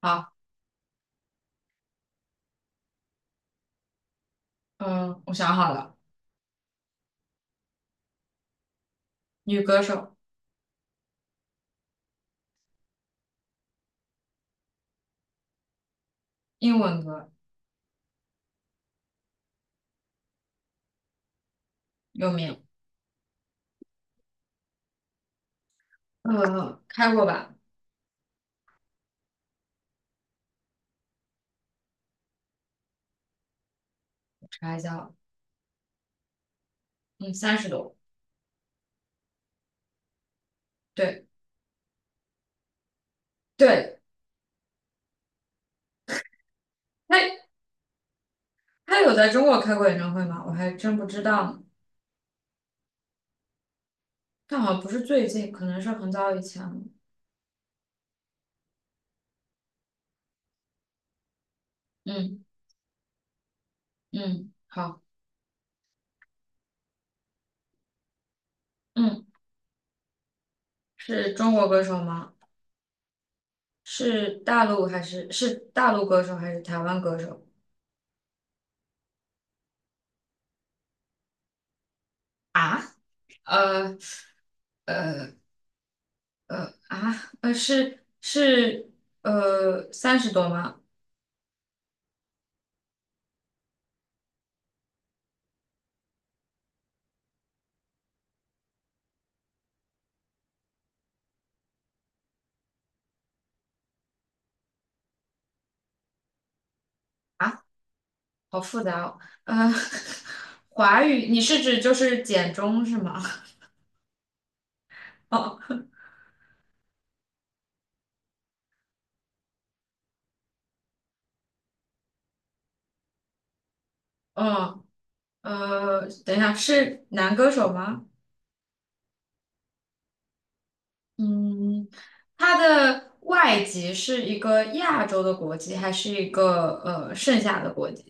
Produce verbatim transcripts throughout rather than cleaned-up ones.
好。嗯，我想好了。女歌手。英文歌。有名。呃，开过吧。查一下。嗯，三十多。对对，她她有在中国开过演唱会吗？我还真不知道呢，但好像不是最近，可能是很早以前了。嗯嗯，好。嗯，是中国歌手吗？是大陆还是是大陆歌手还是台湾歌手啊？呃呃呃啊呃是是呃三十多吗？啊？好复杂哦。呃，华语，你是指就是简中是吗？哦。嗯。呃，等一下，是男歌手吗？嗯，他的外籍是一个亚洲的国籍，还是一个呃剩下的国籍？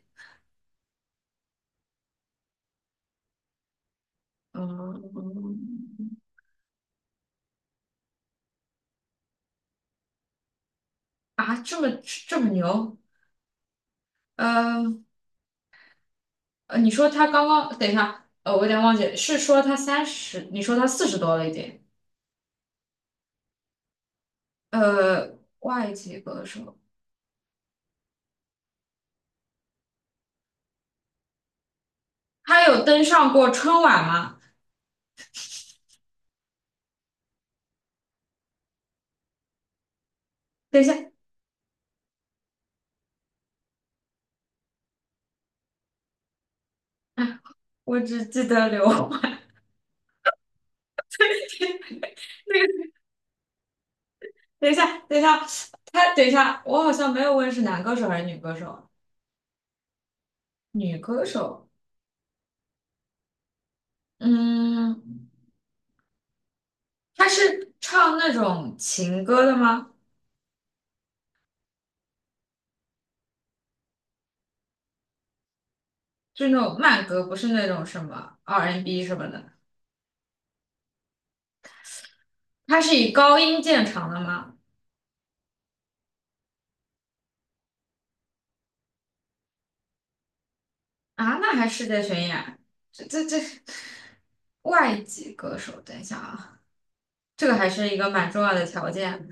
嗯，这么这么牛？呃，呃你说他刚刚，等一下，呃，我有点忘记了，是说他三十，你说他四十多了一点？呃，外籍歌手，他有登上过春晚吗？等一下，我只记得刘欢。等一下，等一下，他等一下，我好像没有问是男歌手还是女歌手。女歌手。嗯，他是唱那种情歌的吗？就是那种慢歌，不是那种什么 R and B N 什么的。他是以高音见长的吗？啊，那还是界巡演。这这这，外籍歌手，等一下啊，这个还是一个蛮重要的条件。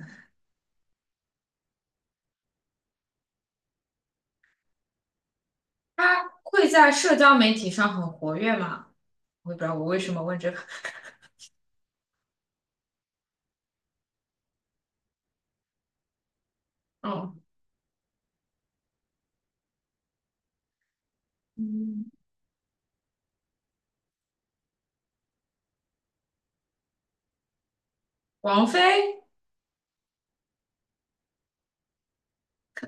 他会在社交媒体上很活跃吗？我也不知道我为什么问这个。哦。嗯。王菲。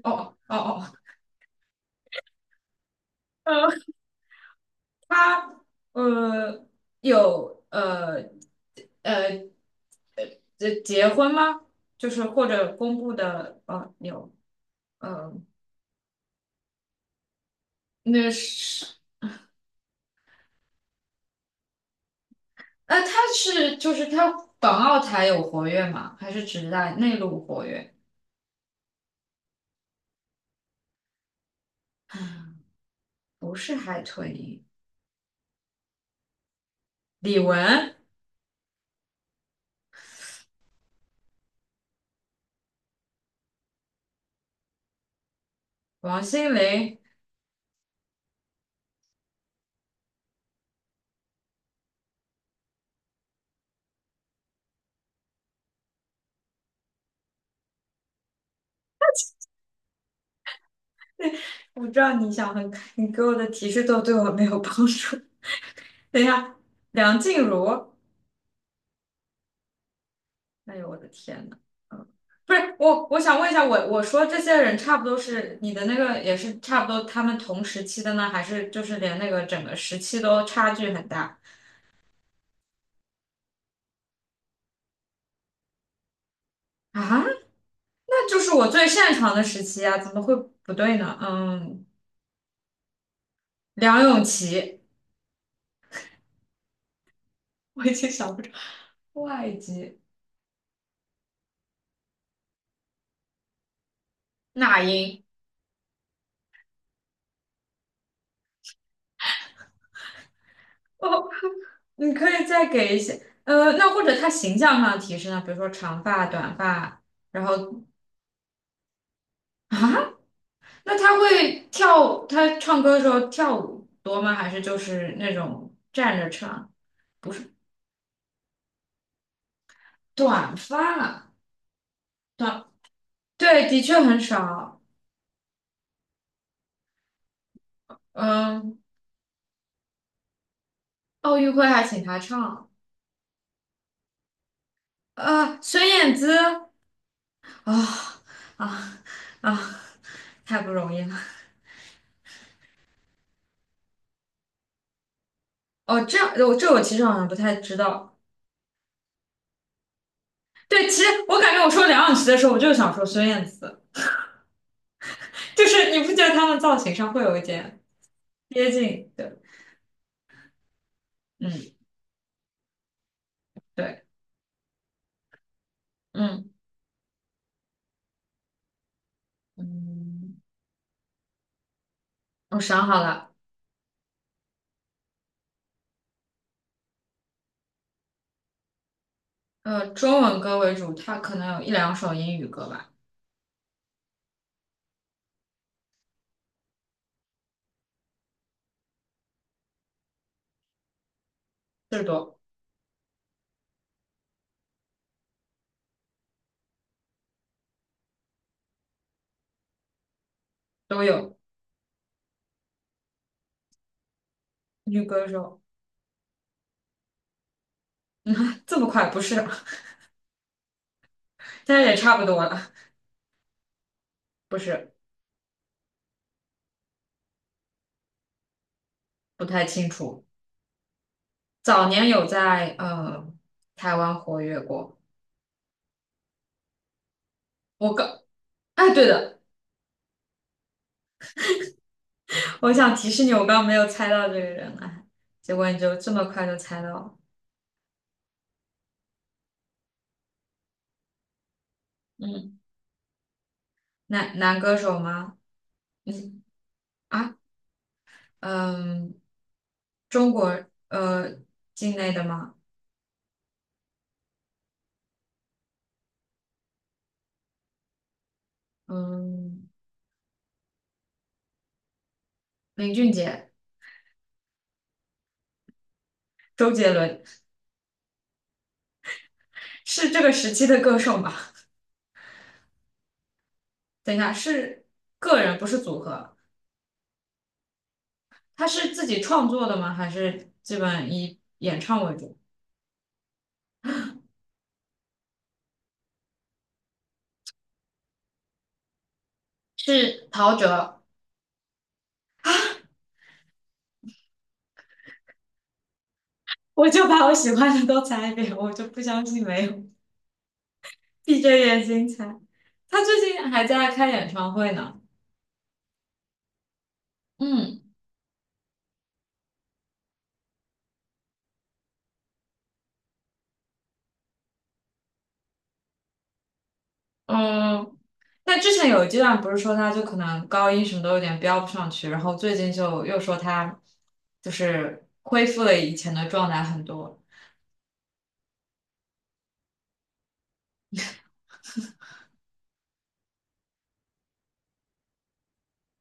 哦哦哦，呃，她呃有呃呃结结婚吗？就是或者公布的呃有呃那是呃她是就是她港澳台有活跃吗？还是只在内陆活跃？不是海豚音。李玟、王心凌。我知道你想很，你给我的提示都对我没有帮助。等一下，梁静茹，哎呦，我的天呐。嗯，不是，我，我想问一下，我我说这些人差不多，是你的那个也是差不多，他们同时期的呢，还是就是连那个整个时期都差距很大？啊？那就是我最擅长的时期啊，怎么会不对呢？嗯。梁咏琪。我已经想不出。外籍。那英。哦，你可以再给一些呃，那或者他形象上的提示呢，比如说长发、短发，然后啊，那他会跳，他唱歌的时候跳舞多吗？还是就是那种站着唱？不是短发。短，对，的确很少。嗯，奥运会还请他唱。呃，孙燕姿。啊啊啊，太不容易了。哦，这样，我这我其实好像不太知道。对，其实我感觉我说梁咏琪的时候，我就想说孙燕姿，就是你不觉得他们造型上会有一点接近？对。嗯。对。嗯嗯。我想好了。呃，中文歌为主，它可能有一两首英语歌吧。四十多。都有。女歌手。这么快？不是，但是也差不多了。不是。不太清楚。早年有在呃台湾活跃过。我刚，哎，对的，我想提示你，我刚没有猜到这个人哎，结果你就这么快就猜到了。嗯，男男歌手吗？嗯啊，嗯，中国呃境内的吗？嗯，林俊杰。周杰伦。是这个时期的歌手吗？等一下，是个人不是组合，他是自己创作的吗？还是基本以演唱为主？是陶喆。我就把我喜欢的都猜一遍，我就不相信没有。闭着眼睛猜。他最近还在开演唱会呢。嗯嗯。那之前有一阶段不是说他就可能高音什么都有点飙不上去，然后最近就又说他就是恢复了以前的状态很多。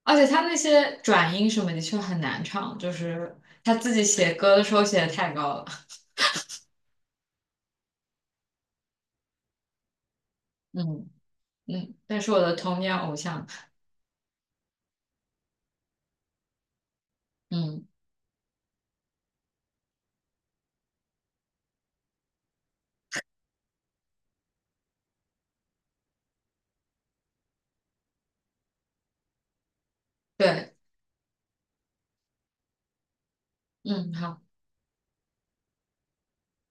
而且他那些转音什么的确很难唱，就是他自己写歌的时候写的太高了。嗯嗯，但是我的童年偶像。嗯，对。嗯，好。